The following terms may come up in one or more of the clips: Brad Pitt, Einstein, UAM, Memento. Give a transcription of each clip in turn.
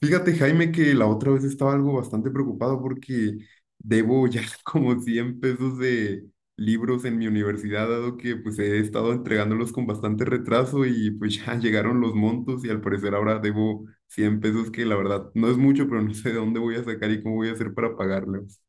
Fíjate, Jaime, que la otra vez estaba algo bastante preocupado porque debo ya como 100 pesos de libros en mi universidad, dado que pues he estado entregándolos con bastante retraso y pues ya llegaron los montos y al parecer ahora debo 100 pesos que la verdad no es mucho, pero no sé de dónde voy a sacar y cómo voy a hacer para pagarlos.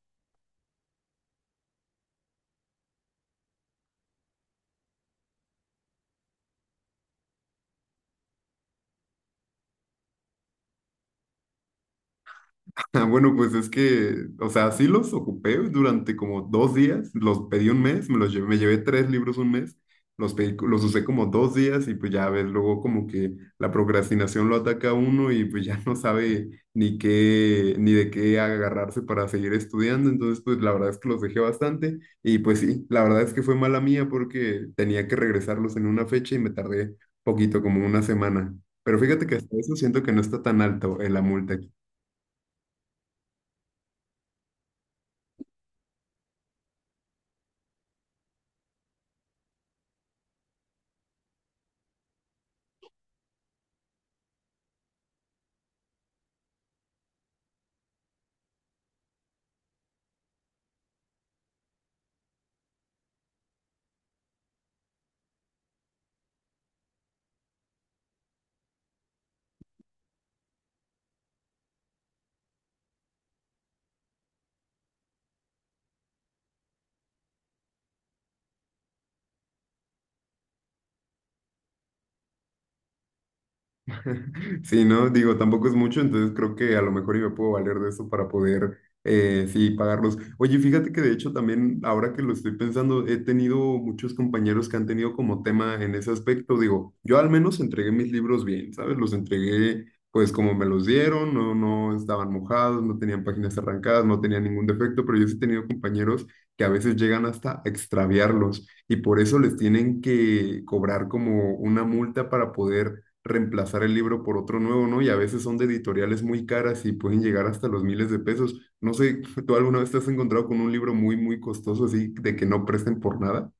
Ah, bueno, pues es que, o sea, sí los ocupé durante como dos días, los pedí un mes, me los llevé, me llevé tres libros un mes, los pedí, los usé como dos días y pues ya ves, luego como que la procrastinación lo ataca a uno y pues ya no sabe ni qué, ni de qué agarrarse para seguir estudiando, entonces pues la verdad es que los dejé bastante y pues sí, la verdad es que fue mala mía porque tenía que regresarlos en una fecha y me tardé poquito, como una semana. Pero fíjate que hasta eso siento que no está tan alto en la multa. Sí, ¿no? Digo, tampoco es mucho, entonces creo que a lo mejor y me puedo valer de eso para poder, sí, pagarlos. Oye, fíjate que de hecho también, ahora que lo estoy pensando, he tenido muchos compañeros que han tenido como tema en ese aspecto. Digo, yo al menos entregué mis libros bien, ¿sabes? Los entregué pues como me los dieron, no, no estaban mojados, no tenían páginas arrancadas, no tenían ningún defecto, pero yo sí he tenido compañeros que a veces llegan hasta a extraviarlos y por eso les tienen que cobrar como una multa para poder reemplazar el libro por otro nuevo, ¿no? Y a veces son de editoriales muy caras y pueden llegar hasta los miles de pesos. No sé, ¿tú alguna vez te has encontrado con un libro muy, muy costoso así de que no presten por nada?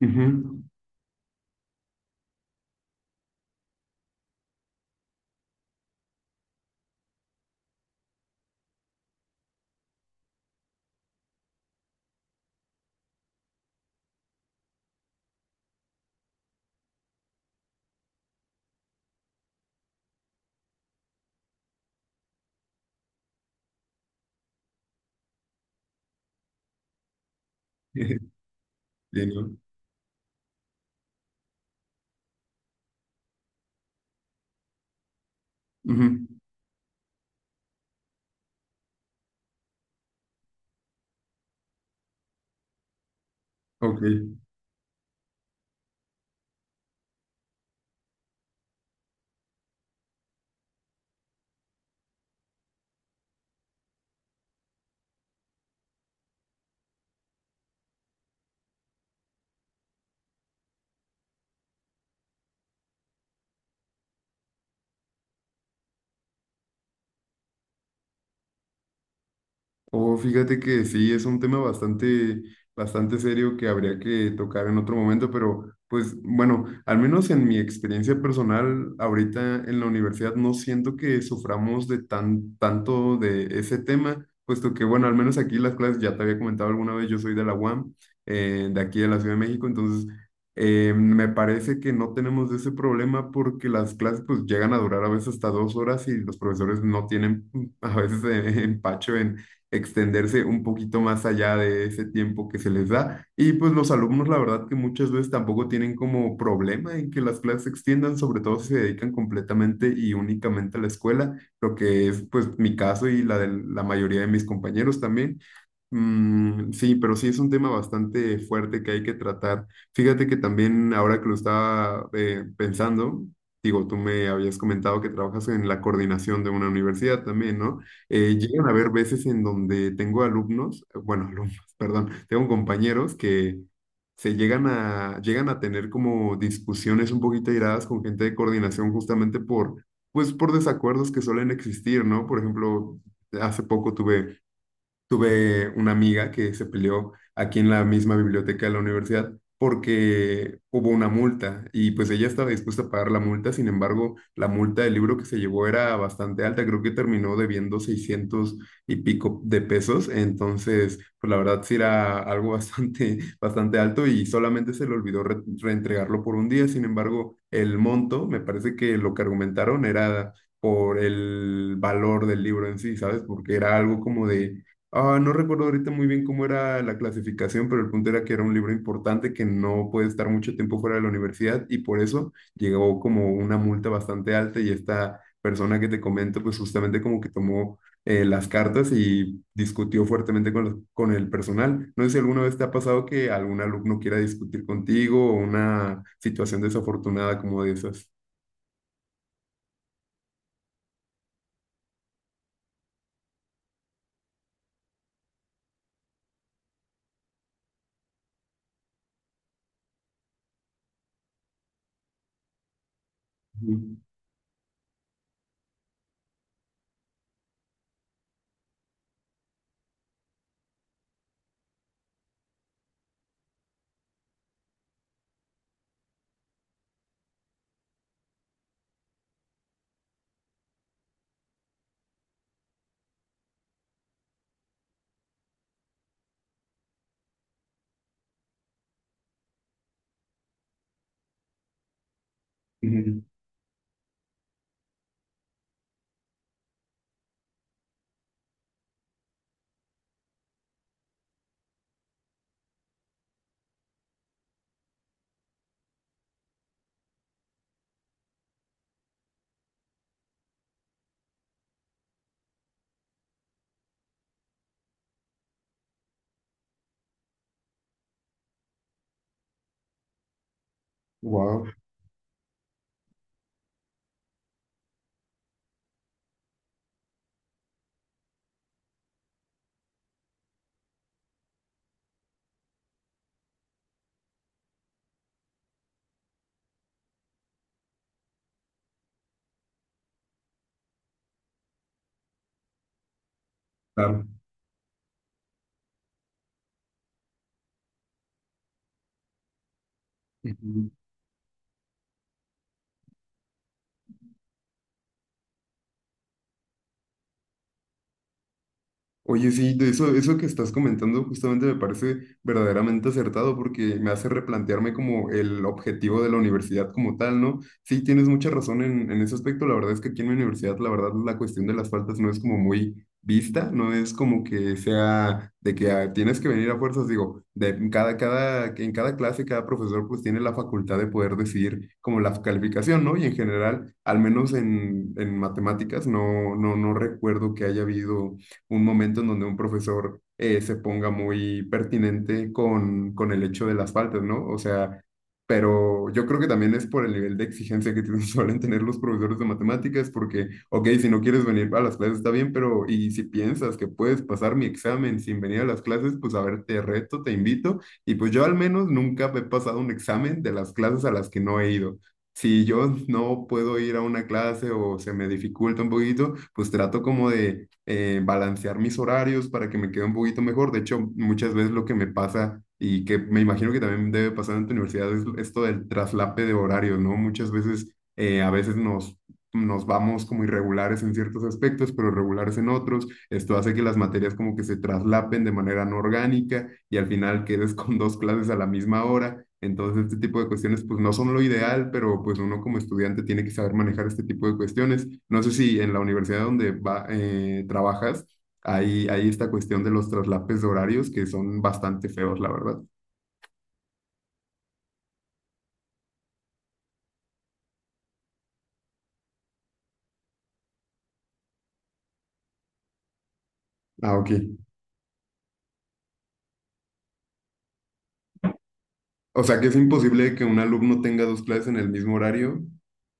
Ujú. Sí, ¿no? Ujú. Ok. Oh, fíjate que sí, es un tema bastante, bastante serio que habría que tocar en otro momento, pero pues bueno, al menos en mi experiencia personal, ahorita en la universidad no siento que suframos de tan, tanto de ese tema, puesto que bueno, al menos aquí las clases, ya te había comentado alguna vez, yo soy de la UAM, de aquí de la Ciudad de México, entonces me parece que no tenemos ese problema porque las clases pues llegan a durar a veces hasta dos horas y los profesores no tienen a veces empacho extenderse un poquito más allá de ese tiempo que se les da. Y pues los alumnos, la verdad que muchas veces tampoco tienen como problema en que las clases se extiendan, sobre todo si se dedican completamente y únicamente a la escuela, lo que es pues mi caso y la de la mayoría de mis compañeros también. Mm, sí, pero sí es un tema bastante fuerte que hay que tratar. Fíjate que también ahora que lo estaba pensando, digo, tú me habías comentado que trabajas en la coordinación de una universidad también, ¿no? Llegan a haber veces en donde tengo alumnos, bueno, alumnos, perdón, tengo compañeros que llegan a tener como discusiones un poquito airadas con gente de coordinación justamente por, pues, por desacuerdos que suelen existir, ¿no? Por ejemplo, hace poco tuve una amiga que se peleó aquí en la misma biblioteca de la universidad porque hubo una multa y pues ella estaba dispuesta a pagar la multa, sin embargo, la multa del libro que se llevó era bastante alta, creo que terminó debiendo 600 y pico de pesos, entonces pues la verdad sí era algo bastante, bastante alto y solamente se le olvidó reentregarlo por un día, sin embargo, el monto, me parece que lo que argumentaron era por el valor del libro en sí, ¿sabes? Porque era algo como de... Ah, no recuerdo ahorita muy bien cómo era la clasificación, pero el punto era que era un libro importante que no puede estar mucho tiempo fuera de la universidad y por eso llegó como una multa bastante alta y esta persona que te comento pues justamente como que tomó las cartas y discutió fuertemente con, con el personal. No sé si alguna vez te ha pasado que algún alumno quiera discutir contigo o una situación desafortunada como de esas. Wow. Claro. Oye, sí, de eso, eso que estás comentando justamente me parece verdaderamente acertado porque me hace replantearme como el objetivo de la universidad como tal, ¿no? Sí, tienes mucha razón en ese aspecto. La verdad es que aquí en mi universidad, la verdad, la cuestión de las faltas no es como muy vista, no es como que sea de que ah, tienes que venir a fuerzas, digo, de cada, cada, que en cada clase, cada profesor pues tiene la facultad de poder decidir como la calificación, ¿no? Y en general, al menos en matemáticas, no, no, no recuerdo que haya habido un momento en donde un profesor se ponga muy pertinente con el hecho de las faltas, ¿no? O sea, pero yo creo que también es por el nivel de exigencia que suelen tener los profesores de matemáticas, porque, ok, si no quieres venir a las clases está bien, pero y si piensas que puedes pasar mi examen sin venir a las clases, pues a ver, te reto, te invito, y pues yo al menos nunca he pasado un examen de las clases a las que no he ido. Si yo no puedo ir a una clase o se me dificulta un poquito, pues trato como de balancear mis horarios para que me quede un poquito mejor. De hecho, muchas veces lo que me pasa y que me imagino que también debe pasar en tu universidad es esto del traslape de horarios, ¿no? Muchas veces, a veces nos vamos como irregulares en ciertos aspectos, pero regulares en otros. Esto hace que las materias como que se traslapen de manera no orgánica y al final quedes con dos clases a la misma hora. Entonces, este tipo de cuestiones pues no son lo ideal, pero pues uno como estudiante tiene que saber manejar este tipo de cuestiones. No sé si en la universidad donde va, trabajas hay esta cuestión de los traslapes de horarios que son bastante feos, la verdad. Ah, ok. O sea, que es imposible que un alumno tenga dos clases en el mismo horario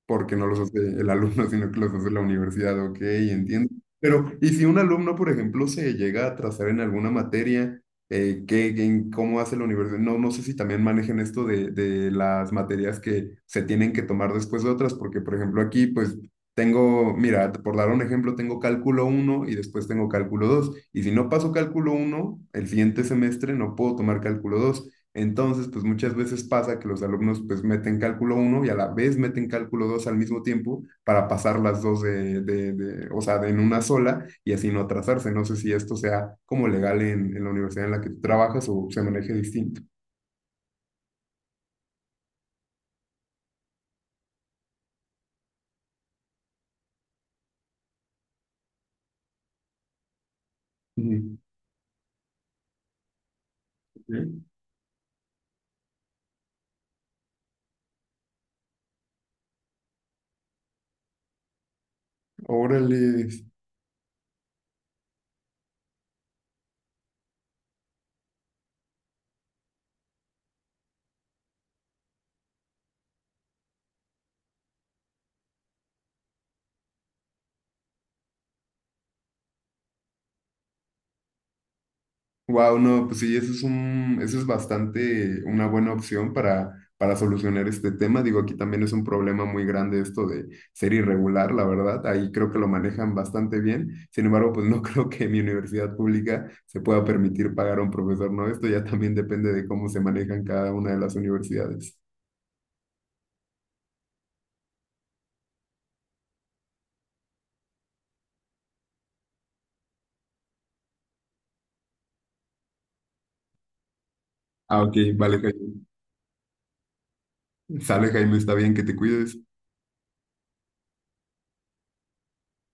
porque no los hace el alumno, sino que los hace la universidad, ok, entiendo. Pero, ¿y si un alumno, por ejemplo, se llega a atrasar en alguna materia, ¿qué, en cómo hace la universidad? No, no sé si también manejen esto de las materias que se tienen que tomar después de otras, porque, por ejemplo, aquí, pues, tengo, mira, por dar un ejemplo, tengo cálculo uno y después tengo cálculo 2 y si no paso cálculo uno el siguiente semestre no puedo tomar cálculo dos, entonces, pues muchas veces pasa que los alumnos pues meten cálculo uno y a la vez meten cálculo 2 al mismo tiempo para pasar las dos de, o sea, de en una sola y así no atrasarse. No sé si esto sea como legal en la universidad en la que tú trabajas o se maneje distinto. Ujú. Ok. Órale. Wow, no, pues sí, eso es un, eso es bastante una buena opción para solucionar este tema. Digo, aquí también es un problema muy grande esto de ser irregular, la verdad. Ahí creo que lo manejan bastante bien. Sin embargo, pues no creo que mi universidad pública se pueda permitir pagar a un profesor, ¿no? Esto ya también depende de cómo se manejan cada una de las universidades. Ah, ok, vale, Jaime. Sale, Jaime, está bien que te cuides.